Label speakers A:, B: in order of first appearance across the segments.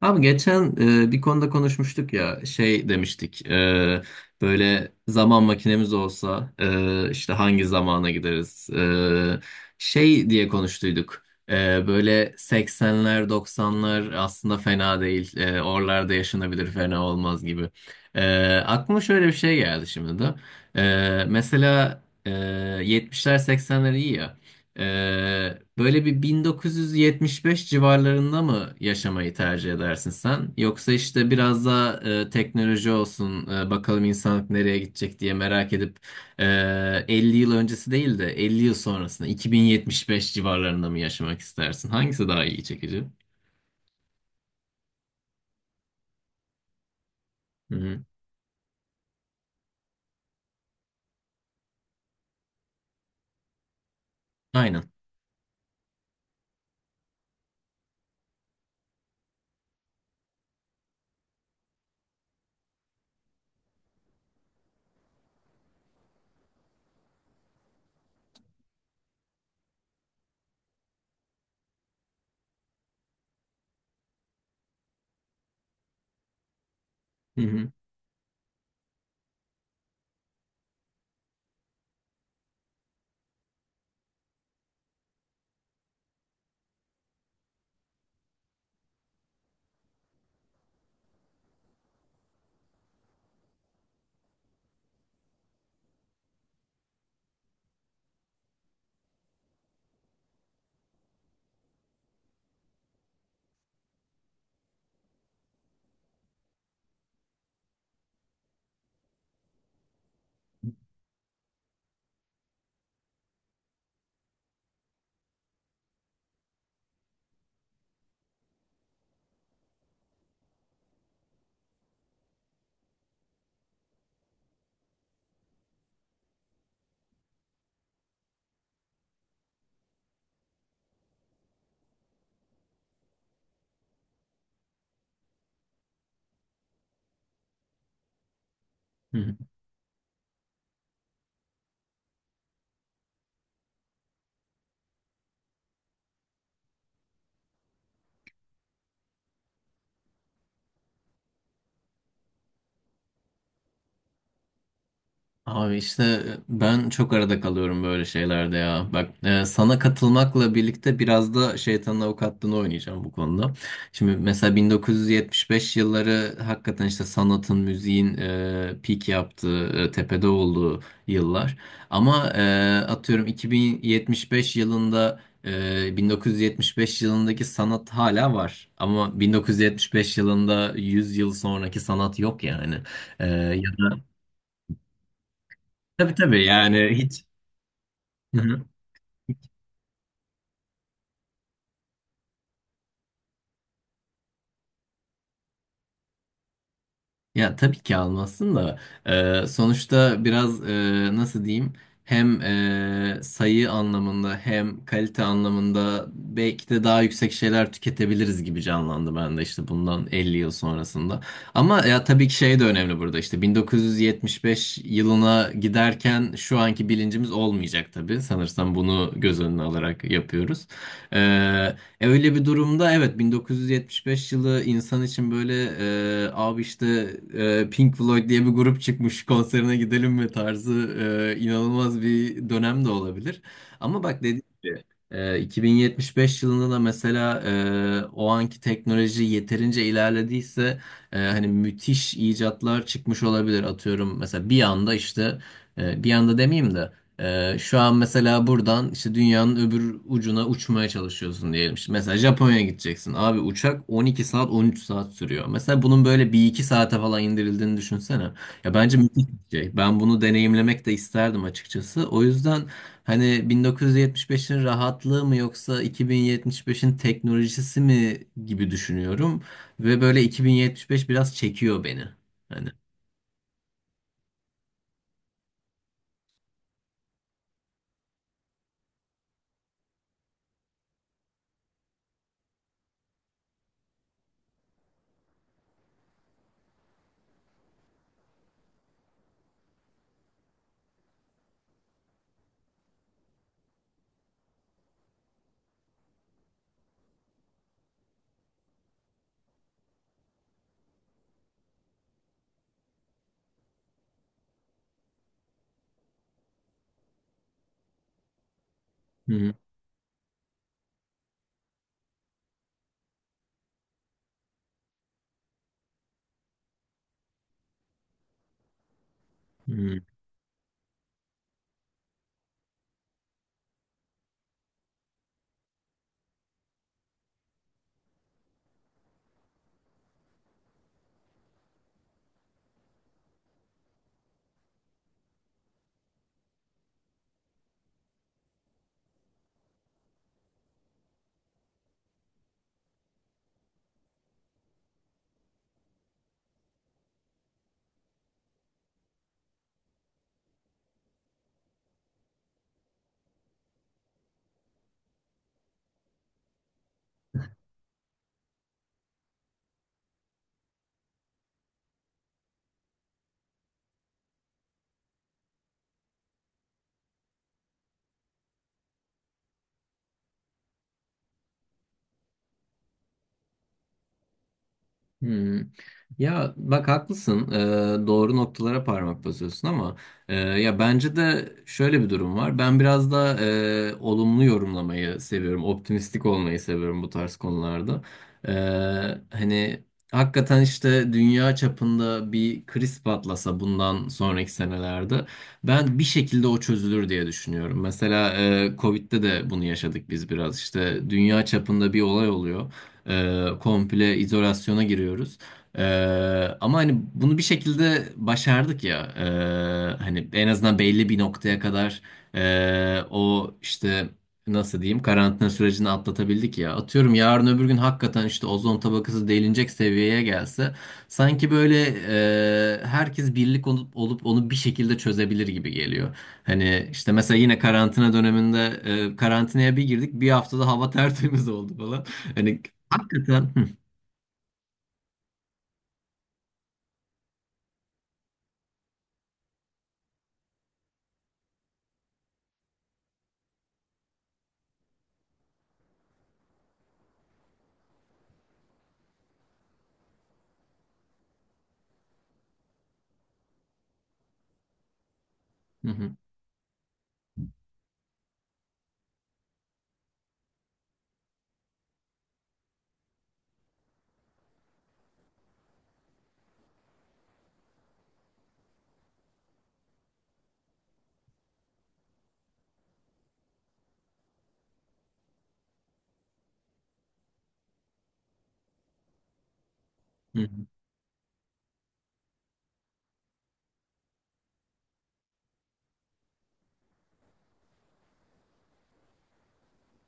A: Abi geçen bir konuda konuşmuştuk ya, şey demiştik. Böyle zaman makinemiz olsa işte hangi zamana gideriz, E, şey diye konuştuyduk. Böyle 80'ler, 90'lar aslında fena değil, oralarda yaşanabilir, fena olmaz gibi. Aklıma şöyle bir şey geldi şimdi de. Mesela 70'ler, 80'ler iyi ya. Böyle bir 1975 civarlarında mı yaşamayı tercih edersin sen? Yoksa işte biraz daha teknoloji olsun, bakalım insanlık nereye gidecek diye merak edip e, 50 yıl öncesi değil de 50 yıl sonrasında 2075 civarlarında mı yaşamak istersin? Hangisi daha iyi, çekici? Hı hı. Aynen. Hı hı. Hı. Abi işte ben çok arada kalıyorum böyle şeylerde ya. Bak, sana katılmakla birlikte biraz da şeytanın avukatlığını oynayacağım bu konuda. Şimdi mesela 1975 yılları hakikaten işte sanatın, müziğin peak yaptığı, tepede olduğu yıllar. Ama atıyorum 2075 yılında 1975 yılındaki sanat hala var. Ama 1975 yılında 100 yıl sonraki sanat yok yani. Ya da. Tabii, tabii yani hiç. Hı hı. Ya tabii ki almazsın da sonuçta biraz nasıl diyeyim, hem sayı anlamında hem kalite anlamında belki de daha yüksek şeyler tüketebiliriz gibi canlandı ben de, işte bundan 50 yıl sonrasında. Ama ya tabii ki şey de önemli burada, işte 1975 yılına giderken şu anki bilincimiz olmayacak, tabii sanırsam bunu göz önüne alarak yapıyoruz. E, Öyle bir durumda evet, 1975 yılı insan için böyle, abi işte Pink Floyd diye bir grup çıkmış, konserine gidelim mi tarzı inanılmaz bir dönem de olabilir. Ama bak dediğim gibi, 2075 yılında da mesela o anki teknoloji yeterince ilerlediyse hani müthiş icatlar çıkmış olabilir, atıyorum. Mesela bir anda işte, bir anda demeyeyim de şu an mesela buradan işte dünyanın öbür ucuna uçmaya çalışıyorsun diyelim. İşte mesela Japonya'ya gideceksin. Abi uçak 12 saat, 13 saat sürüyor. Mesela bunun böyle bir iki saate falan indirildiğini düşünsene. Ya bence müthiş bir şey. Ben bunu deneyimlemek de isterdim açıkçası. O yüzden hani 1975'in rahatlığı mı yoksa 2075'in teknolojisi mi gibi düşünüyorum. Ve böyle 2075 biraz çekiyor beni. Hani. Hı hı. Hmm. Ya bak, haklısın. Doğru noktalara parmak basıyorsun ama ya bence de şöyle bir durum var, ben biraz da olumlu yorumlamayı seviyorum, optimistik olmayı seviyorum bu tarz konularda. Ee, hani hakikaten işte dünya çapında bir kriz patlasa bundan sonraki senelerde ben bir şekilde o çözülür diye düşünüyorum. Mesela Covid'de de bunu yaşadık biz biraz. İşte dünya çapında bir olay oluyor. Komple izolasyona giriyoruz. E, ama hani bunu bir şekilde başardık ya. Hani en azından belli bir noktaya kadar, o işte nasıl diyeyim, karantina sürecini atlatabildik ya. Atıyorum yarın öbür gün hakikaten işte ozon tabakası delinecek seviyeye gelse sanki böyle herkes birlik olup onu bir şekilde çözebilir gibi geliyor. Hani işte mesela yine karantina döneminde karantinaya bir girdik, bir haftada hava tertemiz oldu falan. Hani, hakikaten. Hı, hı, hı, hı,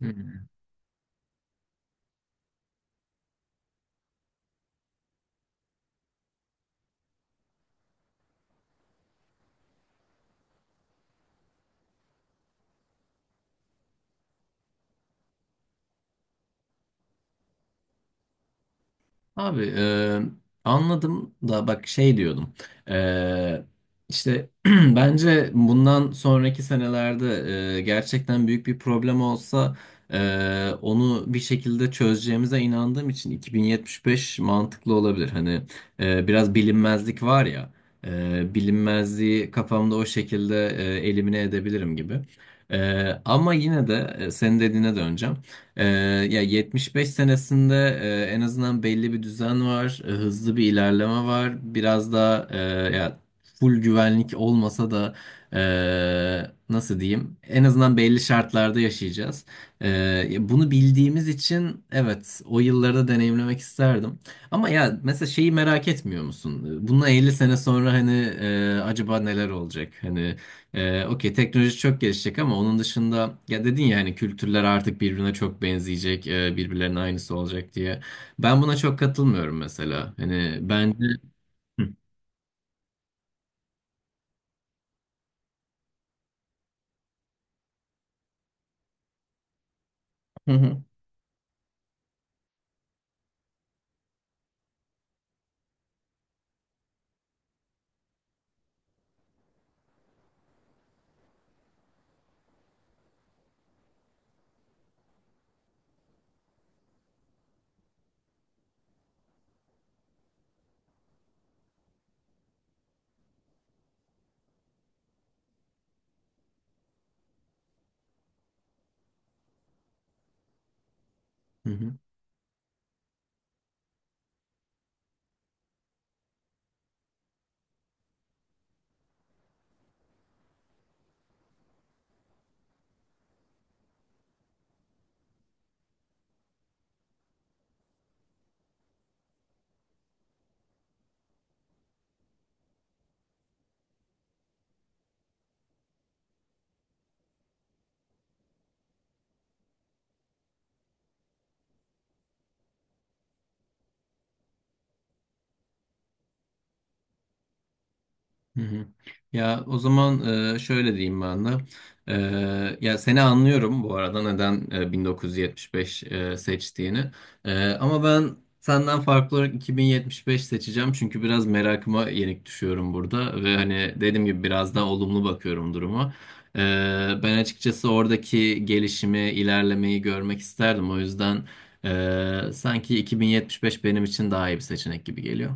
A: hı. Hı. Abi anladım da bak şey diyordum. E, işte bence bundan sonraki senelerde gerçekten büyük bir problem olsa onu bir şekilde çözeceğimize inandığım için 2075 mantıklı olabilir, hani biraz bilinmezlik var ya, bilinmezliği kafamda o şekilde elimine edebilirim gibi. E, ama yine de senin dediğine döneceğim. Ee, ya 75 senesinde en azından belli bir düzen var, hızlı bir ilerleme var. Biraz daha ya full güvenlik olmasa da nasıl diyeyim? En azından belli şartlarda yaşayacağız. E, ya bunu bildiğimiz için evet, o yıllarda deneyimlemek isterdim. Ama ya mesela şeyi merak etmiyor musun? Bundan 50 sene sonra hani acaba neler olacak? Hani okey teknoloji çok gelişecek ama onun dışında, ya dedin ya hani kültürler artık birbirine çok benzeyecek, birbirlerinin aynısı olacak diye. Ben buna çok katılmıyorum mesela. Hani bence. Hı. Hı hı. Hı hı. Hı hı. Ya o zaman şöyle diyeyim ben de. Ya seni anlıyorum bu arada neden 1975 seçtiğini. Ama ben senden farklı olarak 2075 seçeceğim çünkü biraz merakıma yenik düşüyorum burada ve hani dediğim gibi biraz daha olumlu bakıyorum duruma. E, ben açıkçası oradaki gelişimi, ilerlemeyi görmek isterdim. O yüzden sanki 2075 benim için daha iyi bir seçenek gibi geliyor.